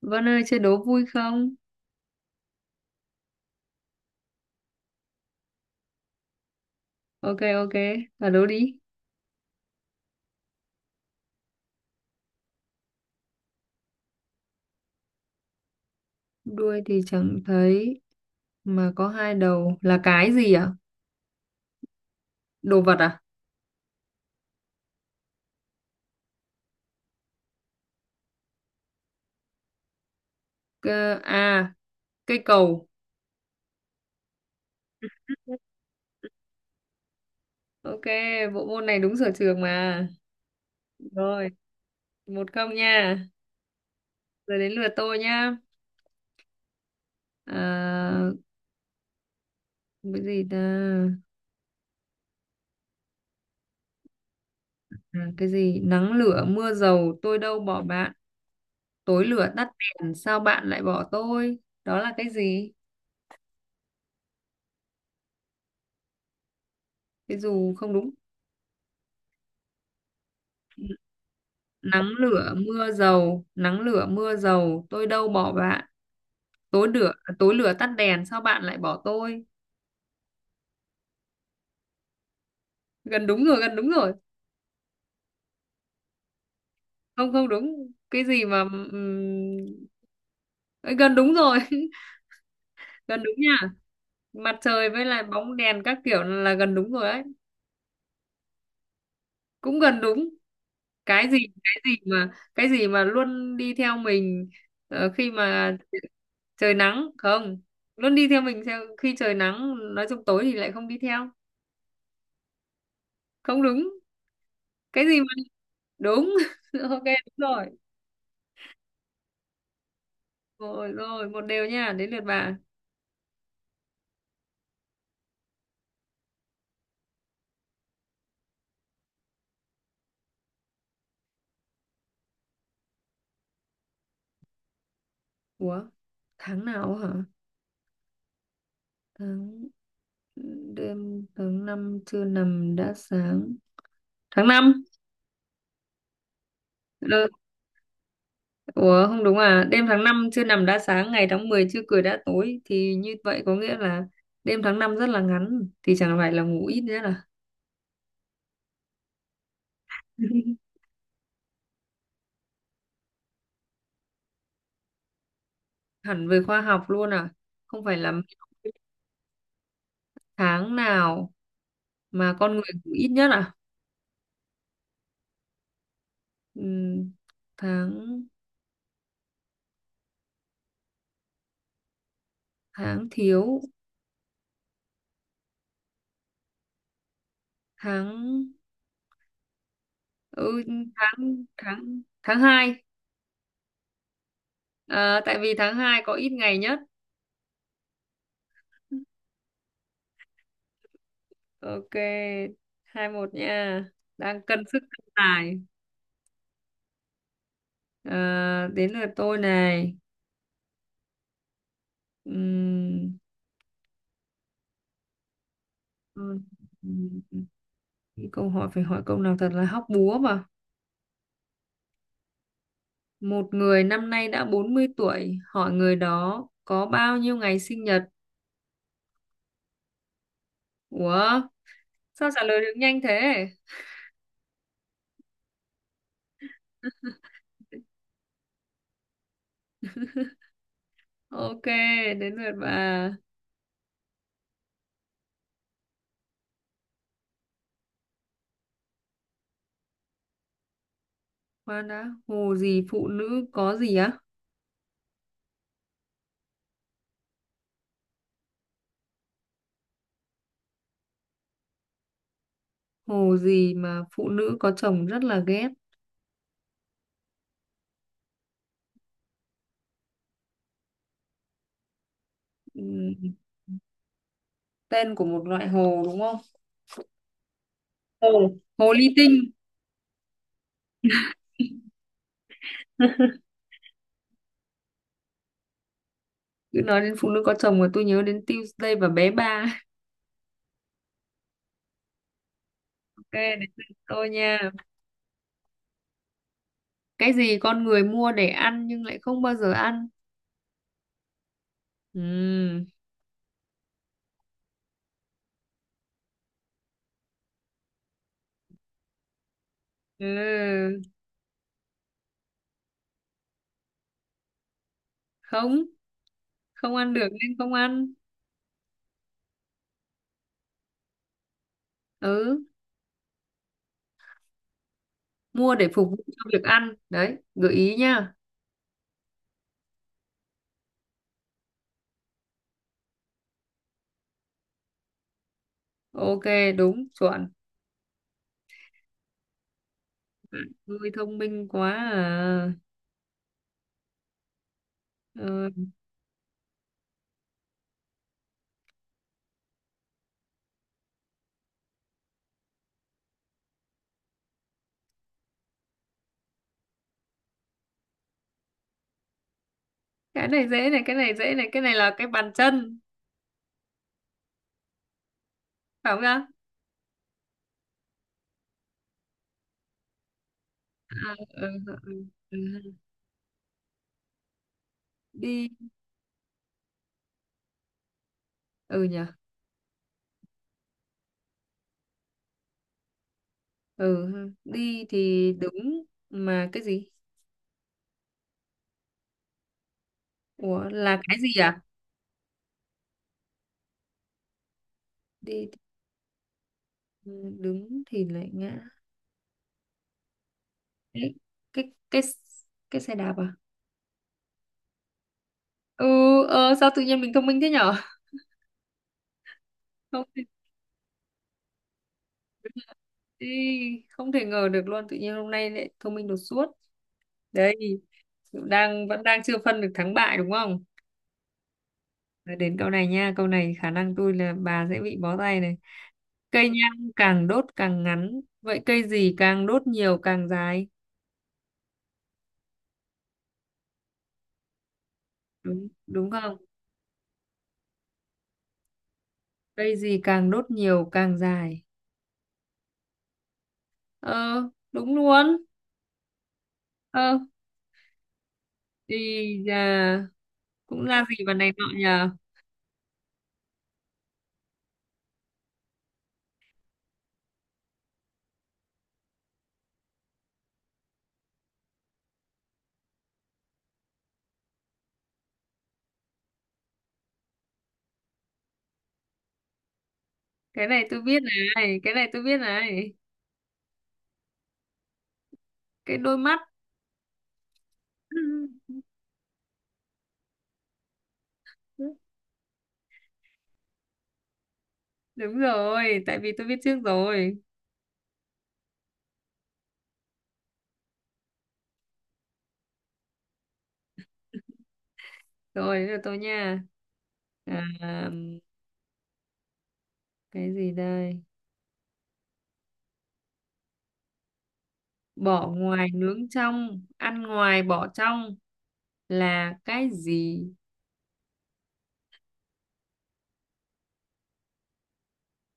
Vân ơi chơi đố vui không? Ok ok, là đố đi. Đuôi thì chẳng thấy mà có hai đầu là cái gì ạ? Đồ vật à? Cơ, à, cây cầu. Ok, bộ môn này đúng sở trường mà. Rồi, 1-0 nha. Giờ đến lượt tôi nha. À, cái gì ta? À, cái gì? Nắng lửa mưa dầu tôi đâu bỏ bạn. Tối lửa tắt đèn sao bạn lại bỏ tôi? Đó là cái gì? Cái dù không đúng. Nắng lửa mưa dầu, nắng lửa mưa dầu tôi đâu bỏ bạn, tối lửa tắt đèn sao bạn lại bỏ tôi. Gần đúng rồi, gần đúng rồi. Không, không đúng. Cái gì mà ấy, gần đúng rồi. Gần đúng nha. Mặt trời với lại bóng đèn các kiểu là gần đúng rồi đấy. Cũng gần đúng. cái gì cái gì mà luôn đi theo mình. Ờ, khi mà trời nắng không, luôn đi theo mình, theo khi trời nắng, nói chung tối thì lại không đi theo. Không đúng. Cái gì mà Đúng. Ok, đúng rồi. Rồi rồi, một đều nha, đến lượt bà. Ủa tháng nào hả? tháng Đêm tháng năm chưa nằm đã sáng. Tháng năm. Ừ. Ủa, không đúng à? Đêm tháng năm chưa nằm đã sáng, ngày tháng 10 chưa cười đã tối, thì như vậy có nghĩa là đêm tháng năm rất là ngắn, thì chẳng phải là ngủ ít nữa là. Hẳn về khoa học luôn à? Không phải là tháng nào mà con người ngủ ít nhất à? Ừm, tháng tháng thiếu. Tháng ừ, tháng tháng tháng hai. À, tại vì tháng hai có ít ngày nhất. Ok, 2-1 nha, đang cân sức cân tài. À, đến lượt tôi này. Ừm, ừm, Câu hỏi phải hỏi câu nào thật là hóc búa mà. Một người năm nay đã 40 tuổi, hỏi người đó có bao nhiêu ngày sinh nhật? Ủa, sao trả lời được nhanh thế? Ok, đến lượt bà. Khoan đã, hồ gì phụ nữ có gì á? Hồ gì mà phụ nữ có chồng rất là ghét? Ừm, Tên của một loại hồ đúng không? Hồ. Hồ ly tinh. Cứ nói đến phụ nữ có chồng mà tôi nhớ đến Tuesday và bé ba. Ok, đến lượt tôi nha. Cái gì con người mua để ăn nhưng lại không bao giờ ăn? Ừm. Ừ. Không, không ăn được nên không ăn. Ừ, mua để phục vụ cho việc ăn. Đấy, gợi ý nha. Ok, đúng, chuẩn. Ôi thông minh quá à. Ờ, cái này dễ này, cái này dễ này, cái này là cái bàn chân, phải không nhá? À, ừ, ừ, ừ. Ừ. Đi, ừ nhỉ, ừ, ha. Đi thì đứng mà cái gì? Ủa, là cái gì à? Đi thì đứng thì lại ngã. Cái cái cái cái xe đạp à? Ừ, ờ, sao tự nhiên mình thông minh thế nhở? Không thể, đi, không thể ngờ được luôn, tự nhiên hôm nay lại thông minh đột xuất. Đấy, đang vẫn đang chưa phân được thắng bại đúng không? Nói đến câu này nha, câu này khả năng tôi là bà sẽ bị bó tay này. Cây nhang càng đốt càng ngắn, vậy cây gì càng đốt nhiều càng dài? Đúng đúng không? Cây gì càng đốt nhiều càng dài? Ờ, đúng luôn. Ờ, thì à, cũng ra gì mà này nọ nhờ. Cái này tôi biết này, cái này tôi biết này. Cái đôi mắt. Đúng rồi, tại vì tôi biết trước rồi. Rồi, bây giờ tôi nha. À, cái gì đây? Bỏ ngoài nướng trong, ăn ngoài bỏ trong là cái gì?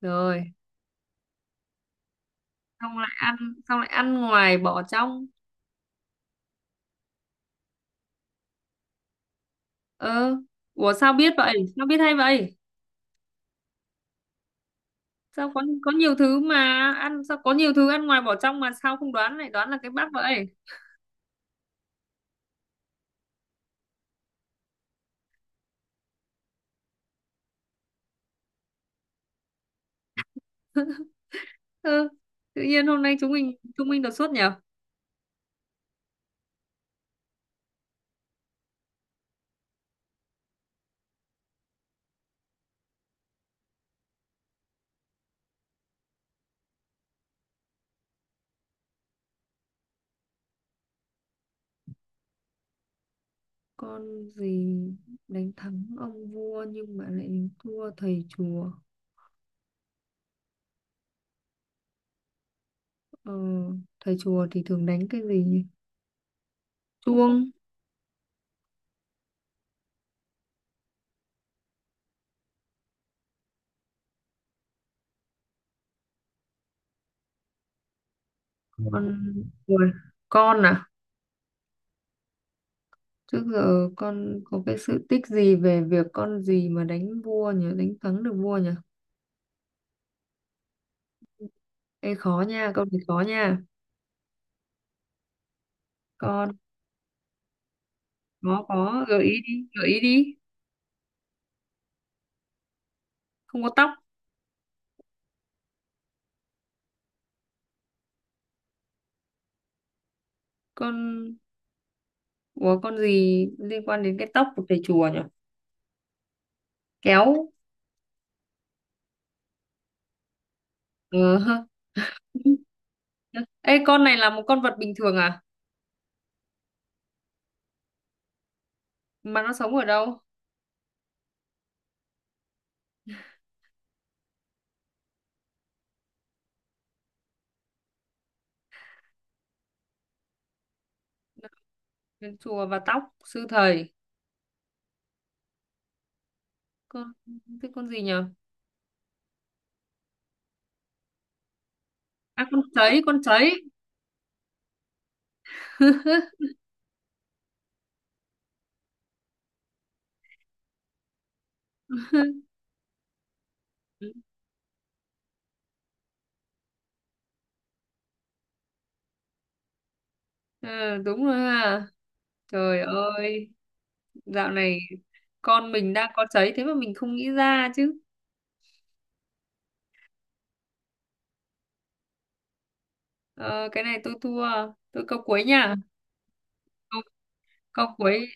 Rồi, xong lại ăn xong lại ăn ngoài bỏ trong. Ơ, ủa sao biết vậy, sao biết hay vậy? Sao có nhiều thứ mà ăn, sao có nhiều thứ ăn ngoài bỏ trong mà sao không đoán lại đoán là cái bát vậy? Ơ, tự nhiên hôm nay chúng mình đột xuất nhở. Con gì đánh thắng ông vua nhưng mà lại thua thầy chùa? Ờ, thầy chùa thì thường đánh cái gì nhỉ? Chuông. Con. Ui, con à? Trước giờ con có cái sự tích gì về việc con gì mà đánh vua nhỉ, đánh thắng được vua nhỉ? Ê khó nha, câu này khó nha. Con. Nó có gợi ý, đi gợi ý đi. Không có tóc. Con. Ủa con gì liên quan đến cái tóc của thầy chùa nhỉ? Kéo. Ờ hơ. Ê con này là một con vật bình thường à? Mà nó sống ở đâu? Đến chùa và tóc sư thầy. Con, cái con gì nhỉ? À con sấy, con sấy. Ờ, đúng rồi ha. Trời ơi, dạo này con mình đang có cháy thế mà mình không nghĩ ra chứ. Ờ, cái này tôi thua, tôi câu cuối nha. Câu, câu cuối,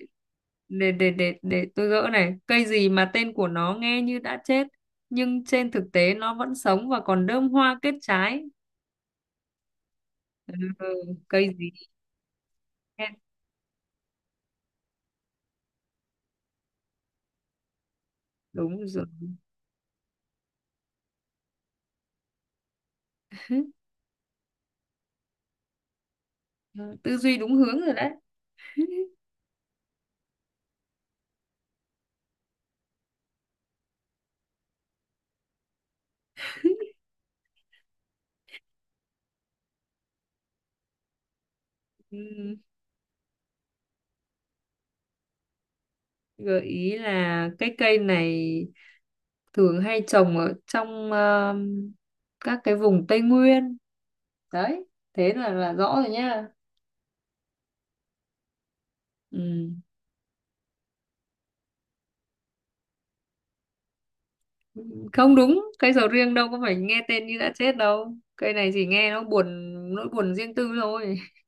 để tôi gỡ này. Cây gì mà tên của nó nghe như đã chết nhưng trên thực tế nó vẫn sống và còn đơm hoa kết trái. Ừ, cây gì? Nhé? Đúng rồi. Tư duy đúng hướng rồi đấy. Ừ, gợi ý là cái cây này thường hay trồng ở trong ờ, các cái vùng Tây Nguyên đấy, thế là rõ rồi nhá. Ừ. Không đúng, cây sầu riêng đâu có phải nghe tên như đã chết đâu, cây này chỉ nghe nó buồn, nỗi buồn riêng tư thôi.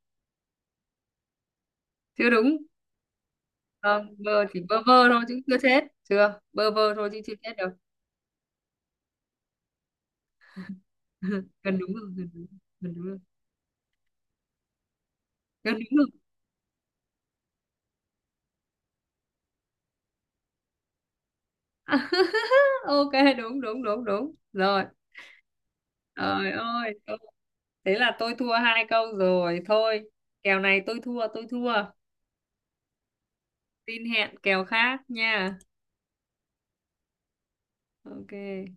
Chưa đúng. Không, bơ chỉ bơ vơ thôi chứ chưa chết, chưa bơ vơ thôi chứ chưa chết đâu. Gần đúng rồi, gần đúng. Gần đúng rồi, gần đúng rồi. Ok, đúng đúng đúng đúng rồi. Trời ơi, thế là tôi thua 2 câu rồi thôi, kèo này tôi thua, tôi thua, tin hẹn kèo khác nha. Ok.